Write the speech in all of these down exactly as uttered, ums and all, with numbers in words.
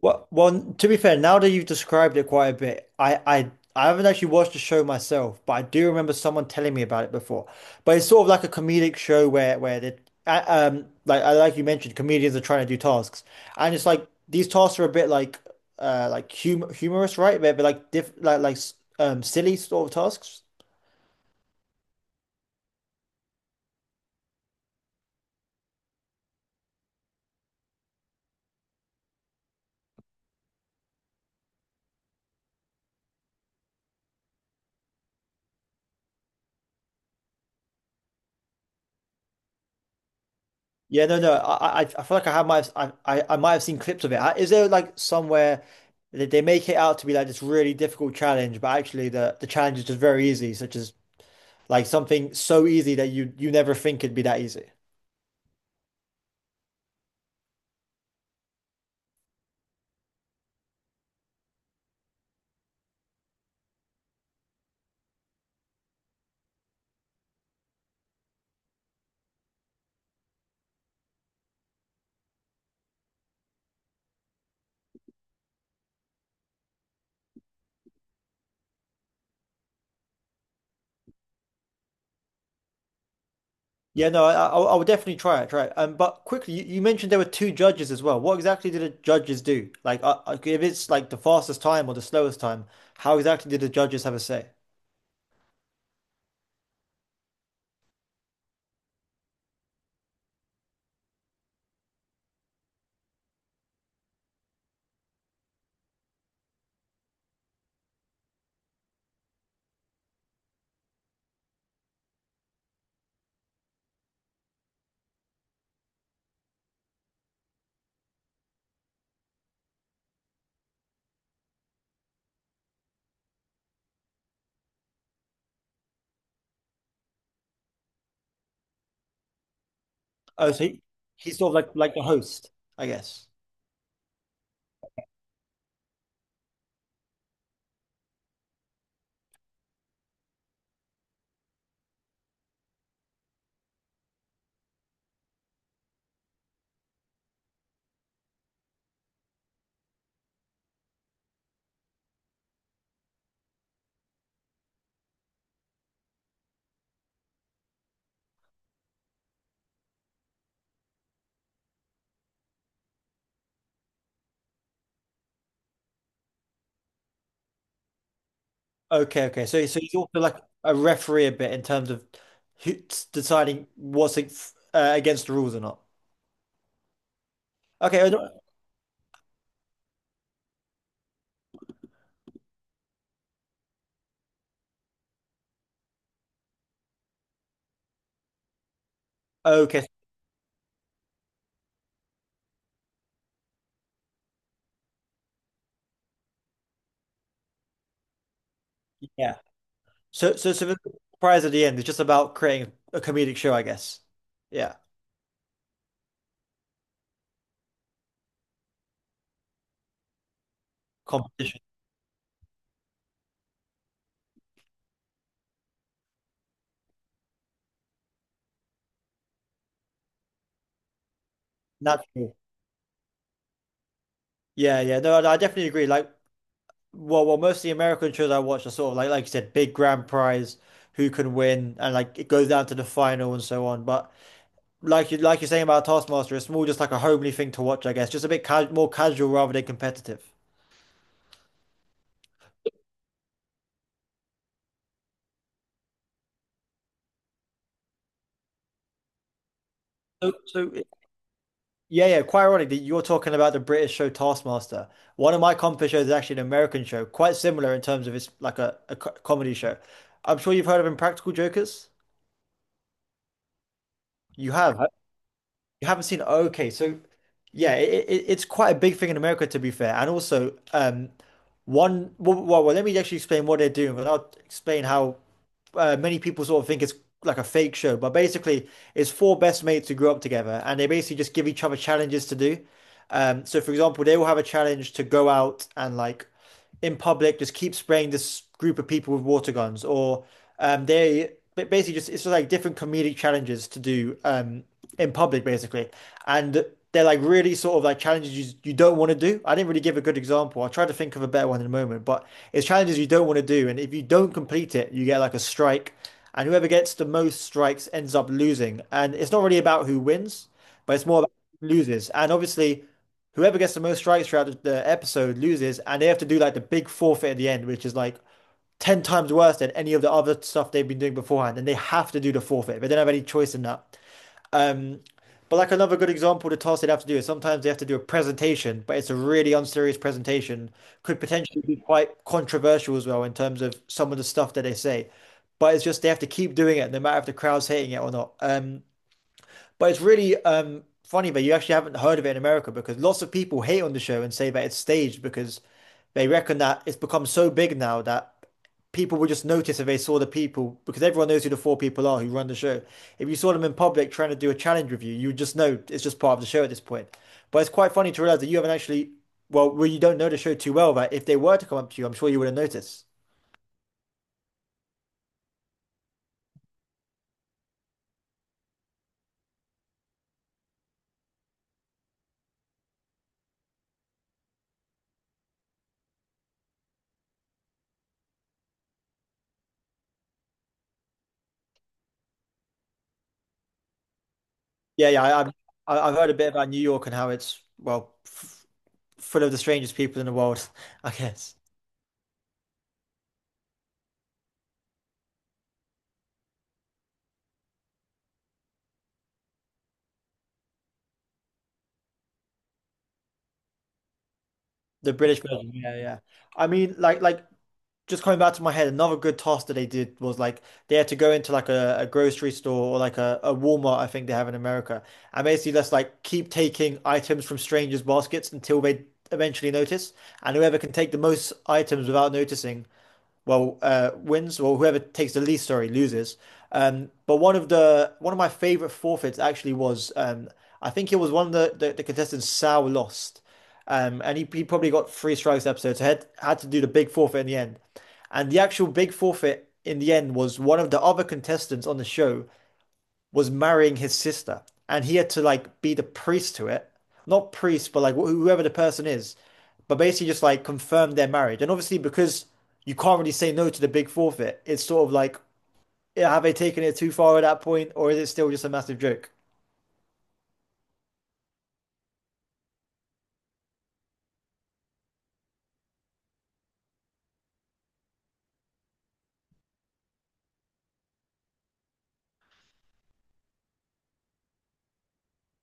Well, well, to be fair, now that you've described it quite a bit, I, I, I haven't actually watched the show myself, but I do remember someone telling me about it before. But it's sort of like a comedic show where, where the, uh, um, like, uh, like you mentioned, comedians are trying to do tasks, and it's like these tasks are a bit like, uh, like hum humorous, right? But, but like diff, like, like, s- um, silly sort of tasks. Yeah, no, no. I, I, I feel like I have might have, I, I, I might have seen clips of it. Uh, Is there like somewhere that they make it out to be like this really difficult challenge, but actually the the challenge is just very easy, such as like something so easy that you you never think it'd be that easy. Yeah, no, I, I, I would definitely try it, try it. Um, but quickly, you, you mentioned there were two judges as well. What exactly did the judges do? Like, uh, uh, if it's like the fastest time or the slowest time, how exactly did the judges have a say? Oh, so he, he's sort of like like the host, I guess. Okay, okay. So, so he's also like a referee a bit in terms of who, deciding what's uh, against the rules or not. Okay, I don't- okay, yeah. So, so, so the prize at the end is just about creating a comedic show, I guess. Yeah, competition, natural. Yeah, yeah. No, I definitely agree. Like, well, well, most of the American shows I watch are sort of like, like you said, big grand prize, who can win, and like it goes down to the final and so on. But like you like you're saying about Taskmaster, it's more just like a homely thing to watch, I guess. Just a bit ca more casual rather than competitive. So, so yeah, yeah, quite ironic that you're talking about the British show Taskmaster. One of my comedy shows is actually an American show, quite similar in terms of it's like a, a co- comedy show. I'm sure you've heard of Impractical Jokers. You have. I- You haven't seen? Okay, so yeah, it, it, it's quite a big thing in America, to be fair. And also, um, one well, well, well, let me actually explain what they're doing, but I'll explain how uh, many people sort of think it's like a fake show, but basically it's four best mates who grew up together and they basically just give each other challenges to do. Um, so for example, they will have a challenge to go out and like in public just keep spraying this group of people with water guns, or um, they but basically just it's just like different comedic challenges to do um, in public basically, and they're like really sort of like challenges you, you don't want to do. I didn't really give a good example. I'll try to think of a better one in a moment, but it's challenges you don't want to do, and if you don't complete it, you get like a strike. And whoever gets the most strikes ends up losing. And it's not really about who wins, but it's more about who loses. And obviously, whoever gets the most strikes throughout the, episode loses, and they have to do like the big forfeit at the end, which is like ten times worse than any of the other stuff they've been doing beforehand. And they have to do the forfeit, they don't have any choice in that. Um, but like another good example, the task they'd have to do is sometimes they have to do a presentation, but it's a really unserious presentation. Could potentially be quite controversial as well in terms of some of the stuff that they say. But it's just they have to keep doing it, no matter if the crowd's hating it or not. Um, but it's really um, funny that you actually haven't heard of it in America because lots of people hate on the show and say that it's staged because they reckon that it's become so big now that people would just notice if they saw the people because everyone knows who the four people are who run the show. If you saw them in public trying to do a challenge with you, you would just know it's just part of the show at this point. But it's quite funny to realize that you haven't actually, well, well, you don't know the show too well that if they were to come up to you, I'm sure you would have noticed. Yeah, yeah, I, I've I- I've heard a bit about New York and how it's, well, f full of the strangest people in the world, I guess. The British version, yeah, yeah. I mean, like, like just coming back to my head, another good task that they did was like they had to go into like a, a grocery store or like a, a Walmart, I think they have in America, and basically just like keep taking items from strangers' baskets until they eventually notice, and whoever can take the most items without noticing well uh, wins, or whoever takes the least, sorry, loses. Um, but one of the one of my favorite forfeits actually was um, I think it was one of the the, the contestants Sal lost, um, and he, he probably got three strikes episode, so had had to do the big forfeit in the end. And the actual big forfeit in the end was one of the other contestants on the show was marrying his sister, and he had to like be the priest to it, not priest, but like wh- whoever the person is, but basically just like confirm their marriage. And obviously, because you can't really say no to the big forfeit, it's sort of like, yeah, have they taken it too far at that point, or is it still just a massive joke?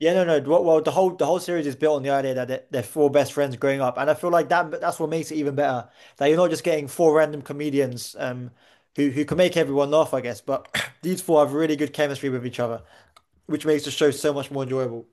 Yeah, no, no. Well, well, the whole the whole series is built on the idea that they're, they're four best friends growing up, and I feel like that that's what makes it even better. That you're not just getting four random comedians um who who can make everyone laugh, I guess, but these four have really good chemistry with each other, which makes the show so much more enjoyable.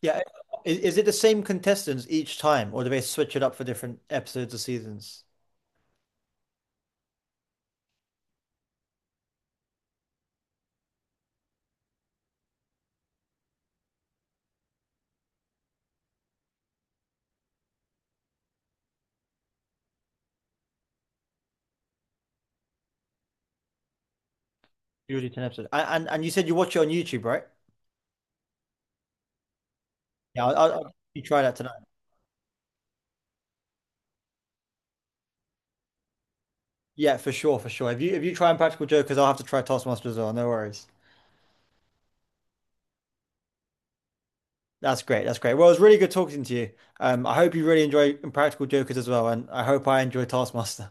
Yeah, is, is it the same contestants each time, or do they switch it up for different episodes or seasons? Usually ten episodes. And and, and you said you watch it on YouTube, right? Yeah, I'll, I'll, I'll definitely try that tonight. Yeah, for sure, for sure. If you if you try Practical Jokers, I'll have to try Taskmaster as well. No worries. That's great. That's great. Well, it was really good talking to you. Um, I hope you really enjoy Practical Jokers as well, and I hope I enjoy Taskmaster.